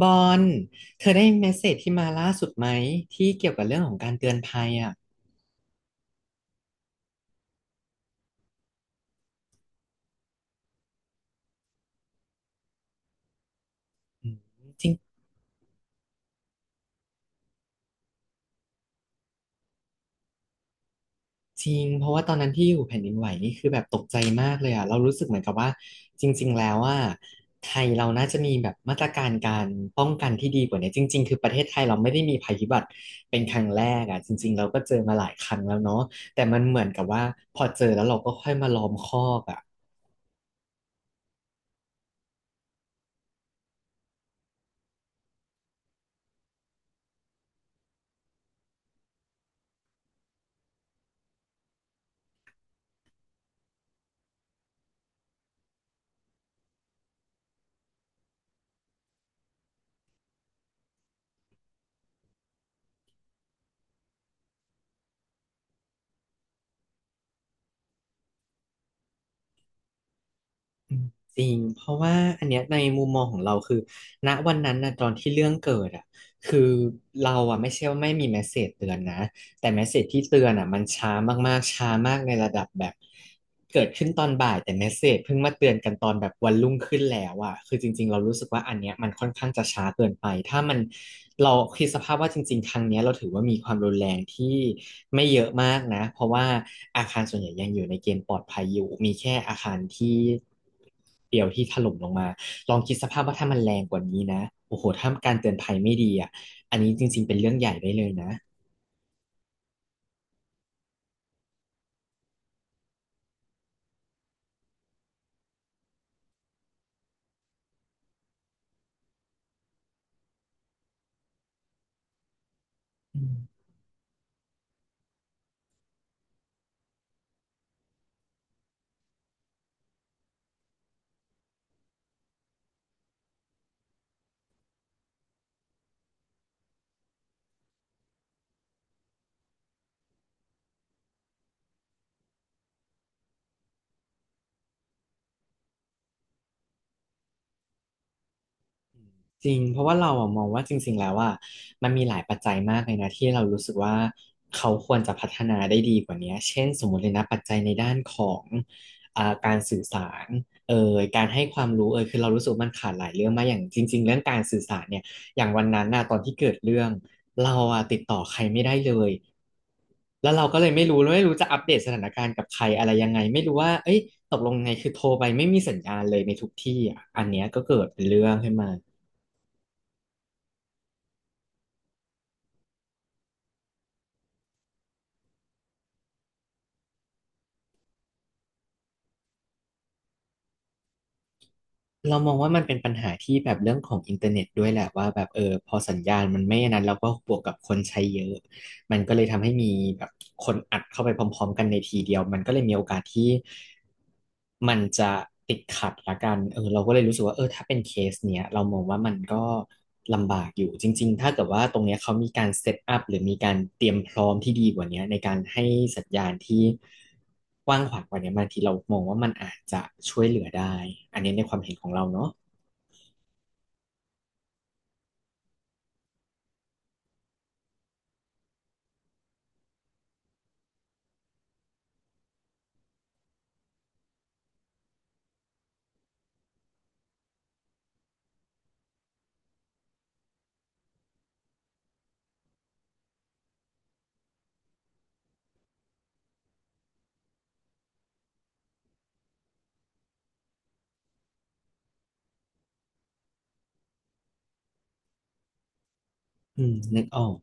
บอลเธอได้เมสเสจที่มาล่าสุดไหมที่เกี่ยวกับเรื่องของการเตือนภัยอ่ะอืมจริงจริงเพราะว่าตอนนั้นที่อยู่แผ่นดินไหวนี่คือแบบตกใจมากเลยอ่ะเรารู้สึกเหมือนกับว่าจริงๆแล้วว่าไทยเราน่าจะมีแบบมาตรการการป้องกันที่ดีกว่านี้จริงๆคือประเทศไทยเราไม่ได้มีภัยพิบัติเป็นครั้งแรกอ่ะจริงๆเราก็เจอมาหลายครั้งแล้วเนาะแต่มันเหมือนกับว่าพอเจอแล้วเราก็ค่อยมาล้อมคอกอ่ะ อืมจริงเพราะว่าอันเนี้ยในมุมมองของเราคือณวันนั้นนะตอนที่เรื่องเกิดอ่ะคือเราอ่ะไม่ใช่ว่าไม่มีเมสเสจเตือนนะ แต่เมสเสจที่เตือนอ่ะมันช้ามากๆช้ามากในระดับแบบเกิดขึ้นตอนบ่ายแต่เมสเสจเพิ่งมาเตือนกันตอนแบบวันรุ่งขึ้นแล้วอ่ะคือจริงๆเรารู้สึกว่าอันเนี้ยมันค่อนข้างจะช้าเกินไปถ้ามันเราคิดสภาพว่าจริงๆครั้งเนี้ยเราถือว่ามีความรุนแรงที่ไม่เยอะมากนะเพราะว่าอาคารส่วนใหญ่ยังอยู่ในเกณฑ์ปลอดภัยอยู่มีแค่อาคารที่เดียวที่ถล่มลงมาลองคิดสภาพว่าถ้ามันแรงกว่านี้นะโอ้โหถ้าการเตือนภัยไม่ดีอ่ะอันนี้จริงๆเป็นเรื่องใหญ่ได้เลยนะอืม จริงเพราะว่าเราอะมองว่าจริงๆแล้วว่ามันมีหลายปัจจัยมากเลยนะที่เรารู้สึกว่าเขาควรจะพัฒนาได้ดีกว่านี้เช่นสมมติเลยนะปัจจัยในด้านของการสื่อสารเอ่ยการให้ความรู้เอ่ยคือเรารู้สึกว่ามันขาดหลายเรื่องมากอย่างจริงๆเรื่องการสื่อสารเนี่ยอย่างวันนั้นน่ะตอนที่เกิดเรื่องเราอะติดต่อใครไม่ได้เลยแล้วเราก็เลยไม่รู้แล้วไม่รู้จะอัปเดตสถานการณ์กับใครอะไรยังไงไม่รู้ว่าเอ้ยตกลงไงคือโทรไปไม่มีสัญญาณเลยในทุกที่อ่ะอันเนี้ยก็เกิดเป็นเรื่องขึ้นมา เรามองว่ามันเป็นปัญหาที่แบบเรื่องของอินเทอร์เน็ตด้วยแหละว่าแบบเออพอสัญญาณมันไม่อนนั้นเราก็บวกกับคนใช้เยอะ มันก็เลยทำให้มีแบบคนอัดเข้าไปพร้อมๆกันในทีเดียวมันก็เลยมีโอกาสที่มันจะติดขัดละกันเออเราก็เลยรู้สึกว่าเออถ้าเป็นเคสเนี้ยเรามองว่ามันก็ลำบากอยู่จริงๆถ้าเกิดว่าตรงเนี้ยเขามีการเซตอัพหรือมีการเตรียมพร้อมที่ดีกว่าเนี้ยในการให้สัญญาณที่กว้างขวางกว่าเนี้ยบางทีเรามองว่ามันอาจจะช่วยเหลือได้อันนี้ในความเห็นของเราเนาะอืมนึกออก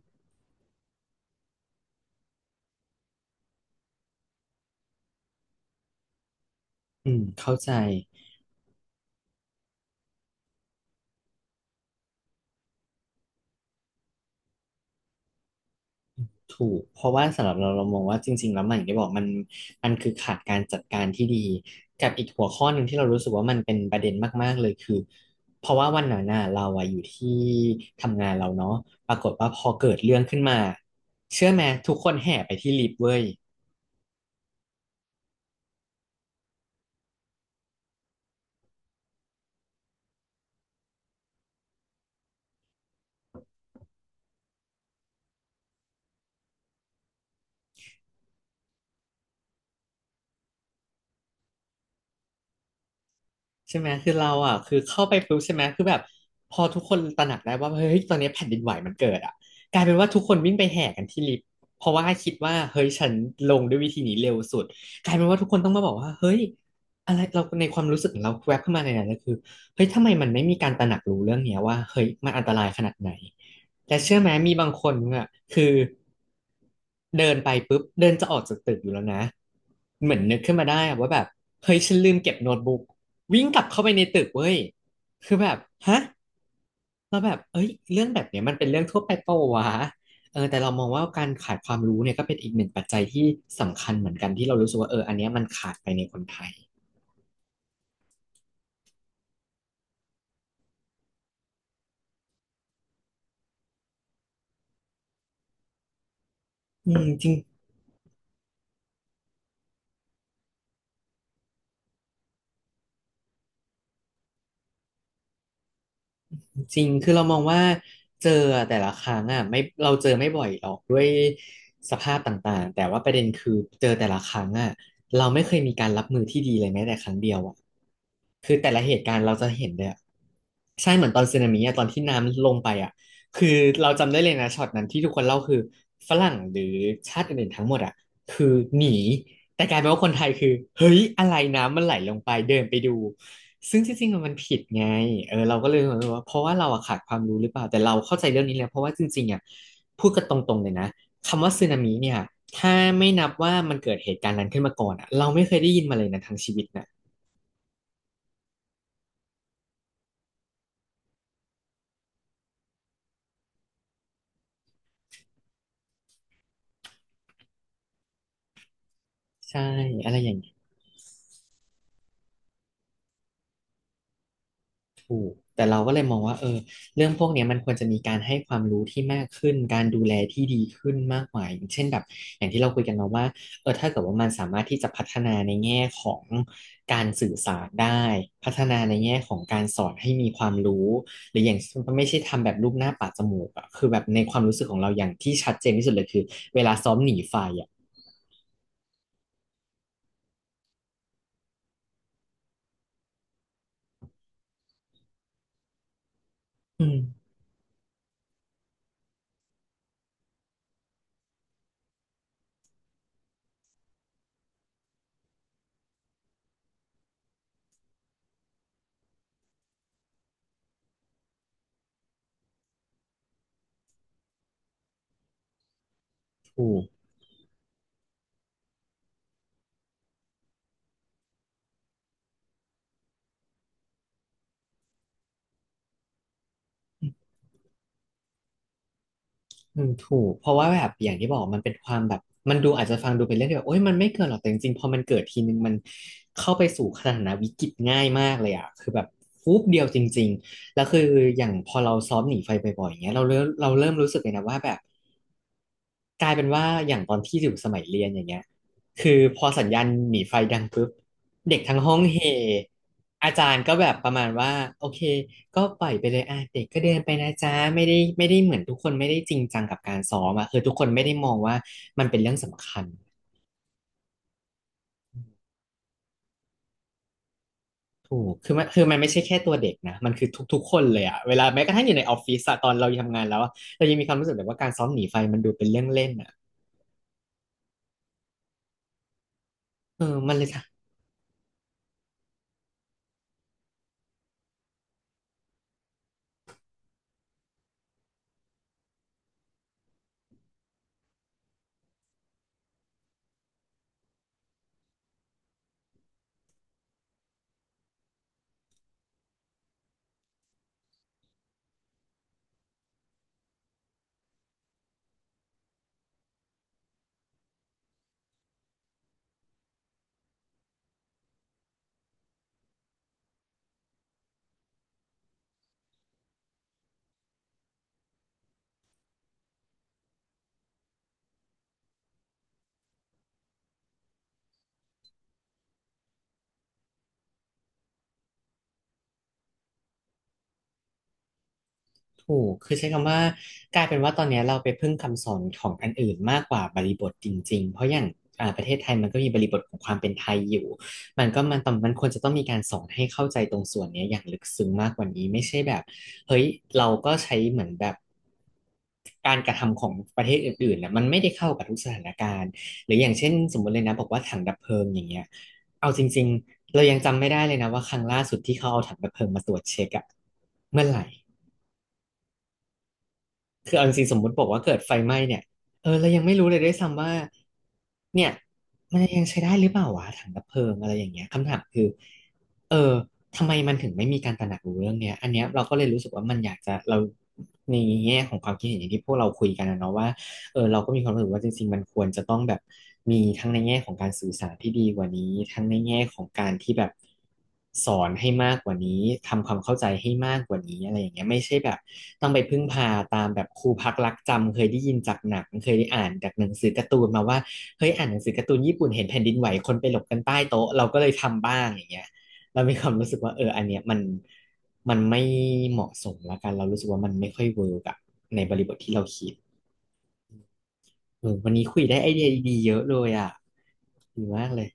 อืมเข้าใจ ถูก เพราะว่าสำหรับเราเรามองว่าจริงๆแล้วมันอย่างที่บอกมันคือขาดการจัดการที่ดีกับอีกหัวข้อหนึ่งที่เรารู้สึกว่ามันเป็นประเด็นมากๆเลยคือเพราะว่าวันนั้นน่ะเราอะอยู่ที่ทำงานเราเนาะปรากฏว่าพอเกิดเรื่องขึ้นมาเชื่อไหมทุกคนแห่ไปที่ลิฟต์เว้ย ใช่ไหมคือเราอ่ะคือเข้าไปปุ๊บใช่ไหมคือแบบพอทุกคนตระหนักได้ว่าเฮ้ยตอนนี้แผ่นดินไหวมันเกิดอ่ะกลายเป็นว่าทุกคนวิ่งไปแห่กันที่ลิฟต์เพราะว่าคิดว่าเฮ้ยฉันลงด้วยวิธีนี้เร็วสุดกลายเป็นว่าทุกคนต้องมาบอกว่าเฮ้ยอะไรเราในความรู้สึกของเราแวบขึ้นมาในนั้นก็คือเฮ้ยทำไมมันไม่มีการตระหนักรู้เรื่องเนี้ยว่าเฮ้ยมันอันตรายขนาดไหนแต่เชื่อไหมมีบางคนอ่ะคือเดินไปปุ๊บเดินจะออกจากตึกอยู่แล้วนะเหมือนนึกขึ้นมาได้อะว่าแบบเฮ้ยฉันลืมเก็บโน้ตบุ๊ก วิ่งกลับเข้าไปในตึกเว้ย คือแบบ ฮะ เราแบบ เอ้ยเรื่องแบบเนี้ยมันเป็นเรื่องทั่วไปเปล่าวะ เออ แต่เรามองว่าการขาดความรู้เนี่ยก็เป็นอีกหนึ่งปัจจัยที่สำคัญเหมือนกันที่เรารู้สึกว่า เออ อันเนี้ยมันขาดไปในคนไทย อืมจริง จริง คือเรามองว่าเจอแต่ละครั้งอ่ะไม่เราเจอไม่บ่อยหรอกด้วยสภาพต่างๆแต่ว่าประเด็นคือเจอแต่ละครั้งอ่ะเราไม่เคยมีการรับมือที่ดีเลยแม้แต่ครั้งเดียวอ่ะคือแต่ละเหตุการณ์เราจะเห็นเลยอะใช่เหมือนตอนสึนามิอะตอนที่น้ำลงไปอ่ะคือเราจำได้เลยนะช็อตนั้นที่ทุกคนเล่าคือฝรั่งหรือชาติอื่นๆทั้งหมดอ่ะคือหนีแต่กลายเป็นว่าคนไทยคือเฮ้ยอะไรน้ำมันไหลลงไปเดินไปดู ซึ่งที่จริงๆมันผิดไงเออเราก็เลยรู้สึกว่าเพราะว่าเราอะขาดความรู้หรือเปล่าแต่เราเข้าใจเรื่องนี้แล้วเพราะว่าจริงๆอะพูดกันตรงๆเลยนะคำว่าสึนามิเนี่ยถ้าไม่นับว่ามันเกิดเหตุการณ์นั้นขึ้นมาก่อนอะเราไม่เคยได้ยินมาเลยนะทั้งชีวิตนะใช่อะไรอย่างนี้ แต่เราก็เลยมองว่าเออเรื่องพวกเนี้ยมันควรจะมีการให้ความรู้ที่มากขึ้นการดูแลที่ดีขึ้นมากกว่าอย่างเช่นแบบอย่างที่เราคุยกันมาว่าเออถ้าเกิดว่ามันสามารถที่จะพัฒนาในแง่ของการสื่อสารได้พัฒนาในแง่ของการสอนให้มีความรู้หรืออย่างไม่ใช่ทำแบบรูปหน้าปาดจมูกอะคือแบบในความรู้สึกของเราอย่างที่ชัดเจนที่สุดเลยคือเวลาซ้อมหนีไฟอะอืมถูก อืมถูกเพราะว่าแบบอย่างที่บอกมันเป็นความแบบมันดูอาจจะฟังดูเป็นเรื่องที่แบบโอ๊ยมันไม่เกิดหรอกแต่จริงๆพอมันเกิดทีนึงมันเข้าไปสู่สถานะวิกฤตง่ายมากเลยอ่ะคือแบบฟุบเดียวจริงๆแล้วคืออย่างพอเราซ้อมหนีไฟบ่อยๆอย่างเงี้ยเราเริ่มรู้สึกเลยนะว่าแบบ กลายเป็นว่าอย่างตอนที่อยู่สมัยเรียนอย่างเงี้ยคือพอสัญญาณหนีไฟดังปุ๊บเด็กทั้งห้องเฮอาจารย์ก็แบบประมาณว่าโอเคก็ปล่อยไปเลยอ่ะเด็กก็เดินไปนะจ๊ะไม่ได้ไม่ได้เหมือนทุกคนไม่ได้จริงจังกับการซ้อมอ่ะคือทุกคนไม่ได้มองว่ามันเป็นเรื่องสำคัญถูกคือมันไม่ใช่แค่ตัวเด็กนะมันคือทุกๆคนเลยอะเวลาแม้กระทั่งอยู่ในออฟฟิศอะตอนเราทำงานแล้วอะเรายังมีความรู้สึกแบบว่าการซ้อมหนีไฟมันดูเป็นเรื่องเล่นอะเออมันเลย ถูกคือใช้คำว่ากลายเป็นว่าตอนเนี้ยเราไปพึ่งคำสอนของอันอื่นมากกว่าบริบทจริงๆ เพราะอย่างอ่าประเทศไทยมันก็มีบริบทของความเป็นไทยอยู่ มันมันควรจะต้องมีการสอนให้เข้าใจตรงส่วนเนี้ยอย่างลึกซึ้งมากกว่านี้ไม่ใช่แบบเฮ้ยเราก็ใช้เหมือนแบบการกระทำของประเทศอื่นๆนะมันไม่ได้เข้ากับทุกสถานการณ์หรืออย่างเช่นสมมติเลยนะบอกว่าถังดับเพลิงอย่างเงี้ยเอาจริงๆเรายังจำไม่ได้เลยนะว่าครั้งล่าสุดที่เขาเอาถังดับเพลิงมาตรวจเช็คอะเมื่อไหร่ คือเอาจริงๆสมมติบอกว่าเกิดไฟไหม้เนี่ยเออเรายังไม่รู้เลยด้วยซ้ำว่าเนี่ยมันยังใช้ได้หรือเปล่าวะถังดับเพลิงอะไรอย่างเงี้ยคำถามคือเออทำไมมันถึงไม่มีการตระหนักรู้เรื่องเนี้ยอันเนี้ยเราก็เลยรู้สึกว่ามันอยากจะเราในแง่ของความคิดเห็นอย่างที่พวกเราคุยกันนะเนาะว่า เออเราก็มีความรู้สึกว่าจริงๆมันควรจะต้องแบบมีทั้งในแง่ของการสื่อสารที่ดีกว่านี้ทั้งในแง่ของการที่แบบสอนให้มากกว่านี้ทำความเข้าใจให้มากกว่านี้อะไรอย่างเงี้ยไม่ใช่แบบต้องไปพึ่งพาตามแบบครูพักรักจำเคยได้ยินจากหนังเคยได้อ่านจากหนังสือการ์ตูนมาว่าเฮ้ยอ่านหนังสือการ์ตูนญี่ปุ่นเห็นแผ่นดินไหวคนไปหลบกันใต้โต๊ะเราก็เลยทำบ้างอย่างเงี้ยเรามีความรู้สึกว่าเอออันเนี้ยมันมันไม่เหมาะสมละกันเรารู้สึกว่ามันไม่ค่อยเวิร์กอะในบริบทที่เราคิด เออวันนี้คุยได้ไอเดียดีๆเยอะเลยอ่ะดีมากเลย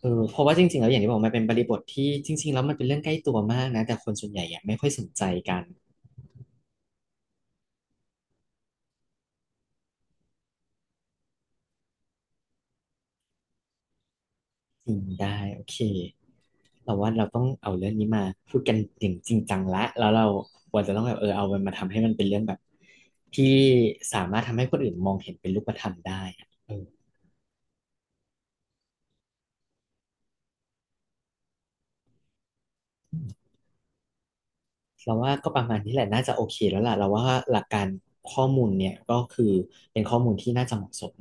เออเพราะว่าจริงๆแล้วอย่างที่บอกมันเป็นบริบทที่จริงๆแล้วมันเป็นเรื่องใกล้ตัวมากนะแต่คนส่วนใหญ่ยังไม่ค่อยสนใจกันจริงได้โอเคเราว่าเราต้องเอาเรื่องนี้มาพูดกันอย่างจริงจังละแล้วเราควรจะต้องแบบเออเอามันมาทำให้มันเป็นเรื่องแบบที่สามารถทำให้คนอื่นมองเห็นเป็นรูปธรรมได้อะเออเราว่าก็ประมาณนี้แหละน่าจะโอเคแล้วล่ะเราว่าหลักการข้อมูลเนี่ยก็คือเป็นข้อมูลที่น่าจะเหมาะสม